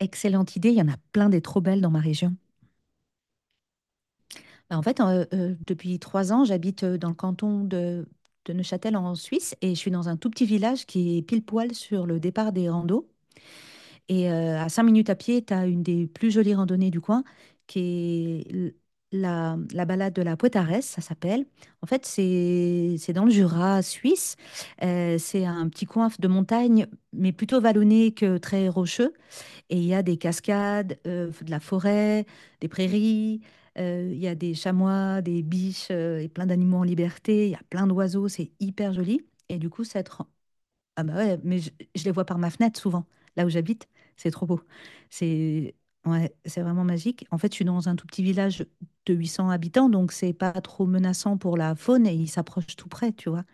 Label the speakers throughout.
Speaker 1: Excellente idée, il y en a plein des trop belles dans ma région. Bah, en fait, depuis 3 ans, j'habite dans le canton de Neuchâtel en Suisse et je suis dans un tout petit village qui est pile poil sur le départ des randos. Et à 5 minutes à pied, tu as une des plus jolies randonnées du coin qui est la balade de la Poitaresse, ça s'appelle. En fait, c'est dans le Jura suisse. C'est un petit coin de montagne, mais plutôt vallonné que très rocheux. Et il y a des cascades, de la forêt, des prairies, il y a des chamois, des biches et plein d'animaux en liberté, il y a plein d'oiseaux, c'est hyper joli. Et du coup, cette... ren- Ah bah ouais, mais je les vois par ma fenêtre souvent, là où j'habite, c'est trop beau. C'est Ouais, c'est vraiment magique. En fait, je suis dans un tout petit village de 800 habitants, donc c'est pas trop menaçant pour la faune et ils s'approchent tout près, tu vois.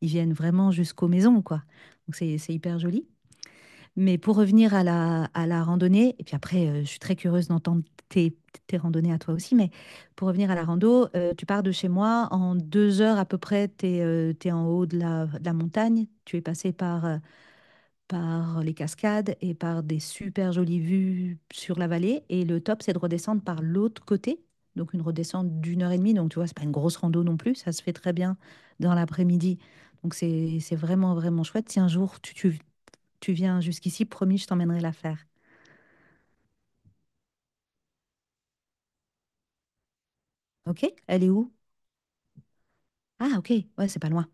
Speaker 1: Ils viennent vraiment jusqu'aux maisons, quoi. Donc c'est hyper joli. Mais pour revenir à à la randonnée, et puis après, je suis très curieuse d'entendre tes, tes randonnées à toi aussi, mais pour revenir à la rando, tu pars de chez moi, en 2 heures à peu près, tu es, en haut de de la montagne, tu es passé par, par les cascades et par des super jolies vues sur la vallée, et le top, c'est de redescendre par l'autre côté, donc une redescente d'1 heure et demie, donc tu vois, c'est pas une grosse rando non plus, ça se fait très bien dans l'après-midi, donc c'est vraiment, vraiment chouette. Si un jour tu viens jusqu'ici, promis, je t'emmènerai la faire. OK? Elle est où? Ah, OK. Ouais, c'est pas loin.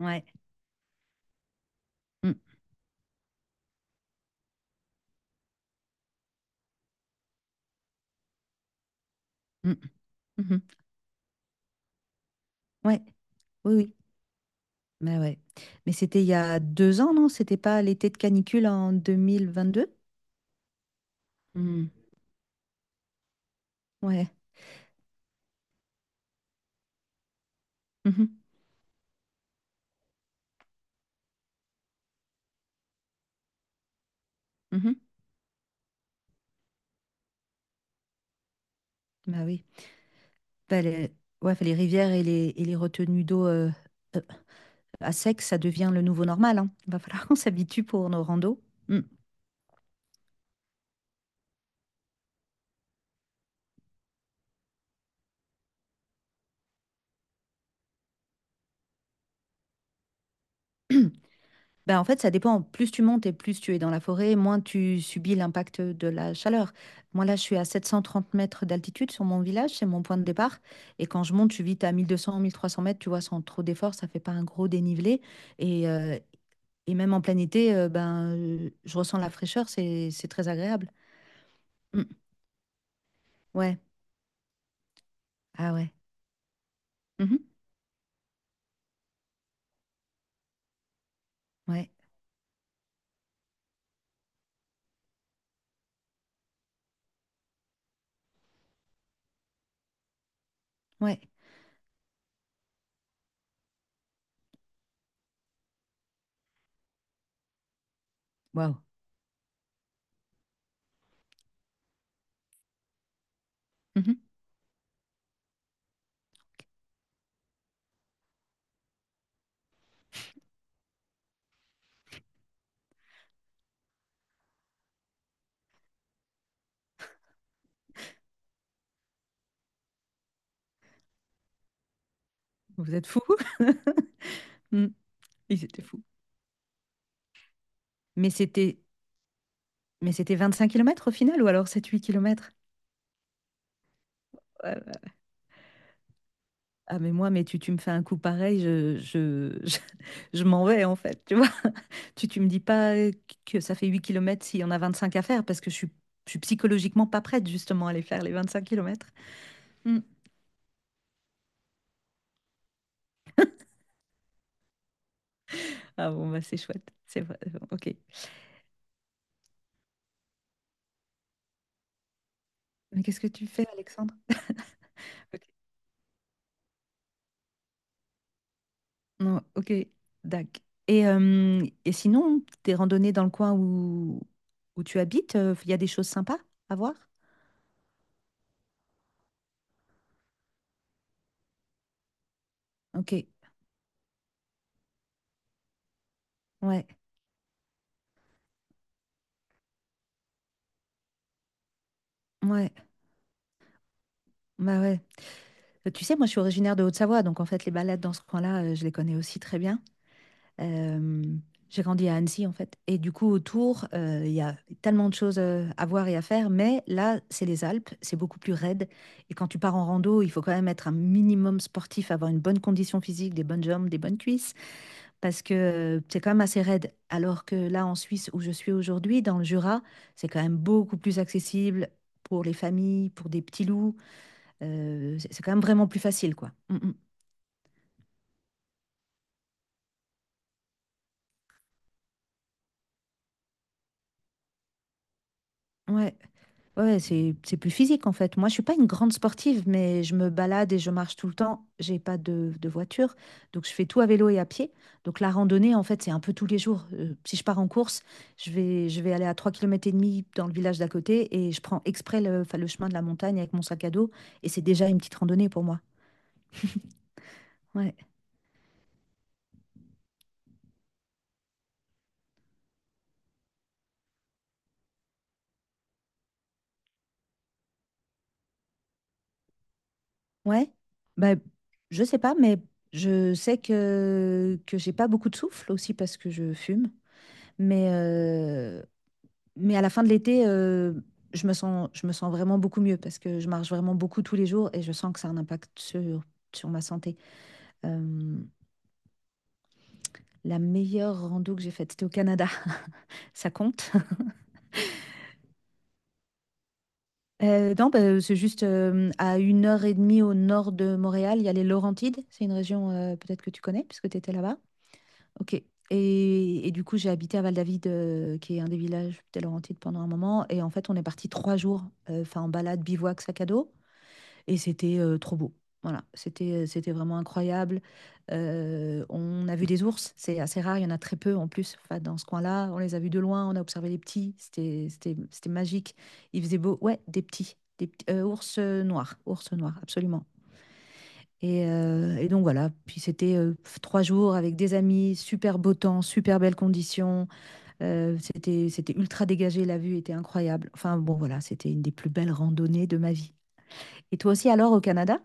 Speaker 1: Ouais. Mm, mm, mhm. Ouais. Oui, oui. Mais ouais. Mais c'était il y a 2 ans, non? C'était pas l'été de canicule en 2022? Mm. Ouais. Mhm, mhm. Bah oui. Bah, les... Ouais, enfin, les rivières et et les retenues d'eau euh, à sec, ça devient le nouveau normal, hein. Va falloir qu'on s'habitue pour nos randos. Mm. Ben, en fait, ça dépend. Plus tu montes et plus tu es dans la forêt, moins tu subis l'impact de la chaleur. Moi, là, je suis à 730 mètres d'altitude sur mon village, c'est mon point de départ. Et quand je monte, je suis vite à 1200, 1300 mètres, tu vois, sans trop d'efforts, ça fait pas un gros dénivelé. Et, euh, et même en plein été, ben, je ressens la fraîcheur, c'est très agréable. Mm. Ouais, ah ouais. Mhm. Ouais, ouais. Waouh. Mhm. Vous êtes fous. Mm. Ils étaient fous. Mais c'était, mais c'était 25 km au final, ou alors 7-8 km? Ah mais moi, mais tu me fais un coup pareil, je m'en vais en fait, tu vois. Tu me dis pas que ça fait 8 kilomètres s'il y en a 25 à faire parce que je suis psychologiquement pas prête justement à aller faire les 25 km. Ah bon, bah c'est chouette, c'est vrai. Bon, ok. Mais qu'est-ce que tu fais, Alexandre? Ok. Non, ok, dac. Et sinon, tes randonnées dans le coin où tu habites, il y a des choses sympas à voir? Ok, ouais, ouais, bah ouais. Tu sais, moi, je suis originaire de Haute-Savoie, donc en fait, les balades dans ce coin-là, je les connais aussi très bien. Euh, j'ai grandi à Annecy, en fait. Et du coup, autour, il y a tellement de choses à voir et à faire, mais là, c'est les Alpes, c'est beaucoup plus raide. Et quand tu pars en rando, il faut quand même être un minimum sportif, avoir une bonne condition physique, des bonnes jambes, des bonnes cuisses, parce que c'est quand même assez raide. Alors que là, en Suisse, où je suis aujourd'hui, dans le Jura, c'est quand même beaucoup plus accessible pour les familles, pour des petits loups. C'est quand même vraiment plus facile, quoi. Mm, mm. Ouais, ouais, c'est plus physique en fait. Moi, je suis pas une grande sportive, mais je me balade et je marche tout le temps. J'ai pas de voiture, donc je fais tout à vélo et à pied. Donc la randonnée, en fait, c'est un peu tous les jours. Si je pars en course, je vais aller à 3 kilomètres et demi dans le village d'à côté et je prends exprès le, enfin, le chemin de la montagne avec mon sac à dos et c'est déjà une petite randonnée pour moi. Ouais. Ouais. Bah, je sais pas, mais je sais que j'ai pas beaucoup de souffle aussi parce que je fume. Mais, euh, Mais à la fin de l'été, je me sens vraiment beaucoup mieux parce que je marche vraiment beaucoup tous les jours et je sens que ça a un impact sur ma santé. Euh, la meilleure rando que j'ai faite, c'était au Canada. Ça compte? Non, bah, C'est juste à 1 heure et demie au nord de Montréal, il y a les Laurentides. C'est une région peut-être que tu connais puisque tu étais là-bas. Ok. Et du coup, j'ai habité à Val-David, qui est un des villages des Laurentides pendant un moment. Et en fait, on est parti 3 jours, enfin en balade, bivouac, sac à dos. Et c'était trop beau. Voilà, c'était vraiment incroyable. On a vu des ours, c'est assez rare, il y en a très peu en plus enfin, dans ce coin-là. On les a vus de loin, on a observé les petits, c'était magique. Il faisait beau, ouais, ours noirs, ours noirs, absolument. Et donc voilà, puis c'était pff, 3 jours avec des amis, super beau temps, super belles conditions, c'était ultra dégagé, la vue était incroyable. Enfin bon voilà, c'était une des plus belles randonnées de ma vie. Et toi aussi alors au Canada?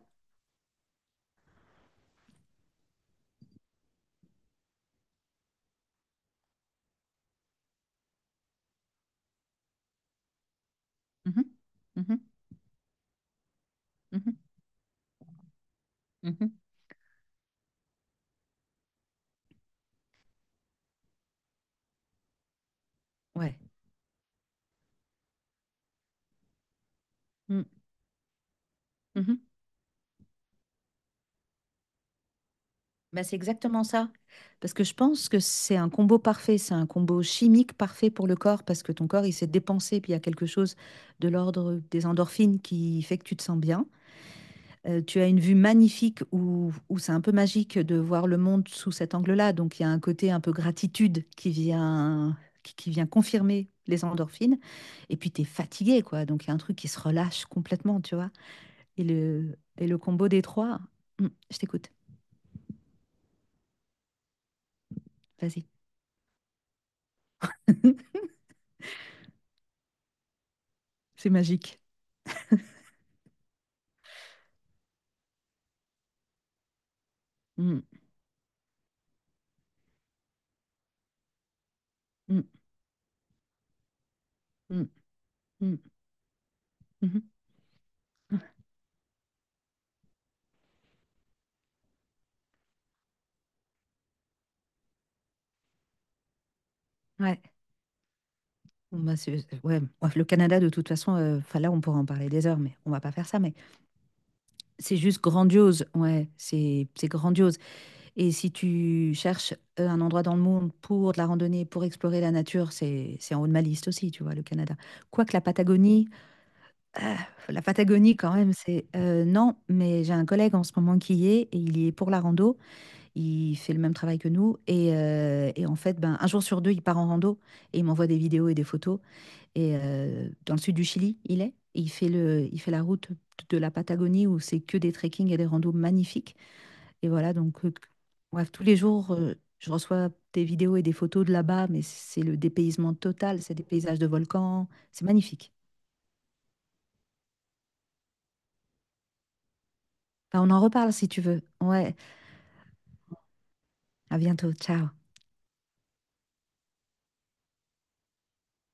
Speaker 1: Mhm. Mhm. Mhm. Mhm. Ouais. Mm. Mhm. Bah, c'est exactement ça. Parce que je pense que c'est un combo parfait, c'est un combo chimique parfait pour le corps, parce que ton corps, il s'est dépensé, puis il y a quelque chose de l'ordre des endorphines qui fait que tu te sens bien. Tu as une vue magnifique où c'est un peu magique de voir le monde sous cet angle-là. Donc, il y a un côté un peu gratitude qui vient, qui vient confirmer les endorphines. Et puis, tu es fatigué, quoi. Donc, il y a un truc qui se relâche complètement, tu vois. Et le combo des trois, mm, je t'écoute, vas-y. C'est magique. Mm, mm, mm, mm, mhm. Ouais. Bon, bah, ouais. Le Canada, de toute façon, 'fin, là, on pourra en parler des heures, mais on va pas faire ça. Mais c'est juste grandiose. Ouais, c'est grandiose. Et si tu cherches un endroit dans le monde pour de la randonnée, pour explorer la nature, c'est en haut de ma liste aussi, tu vois, le Canada. Quoique la Patagonie, euh, quand même, c'est. Non, mais j'ai un collègue en ce moment qui y est, et il y est pour la rando. Il fait le même travail que nous et en fait, ben, un jour sur 2, il part en rando et il m'envoie des vidéos et des photos dans le sud du Chili, il est. Il fait la route de la Patagonie où c'est que des trekking et des randos magnifiques et voilà donc, bref, tous les jours, je reçois des vidéos et des photos de là-bas, mais c'est le dépaysement total, c'est des paysages de volcans, c'est magnifique. Bah, on en reparle si tu veux. Ouais, à bientôt, ciao.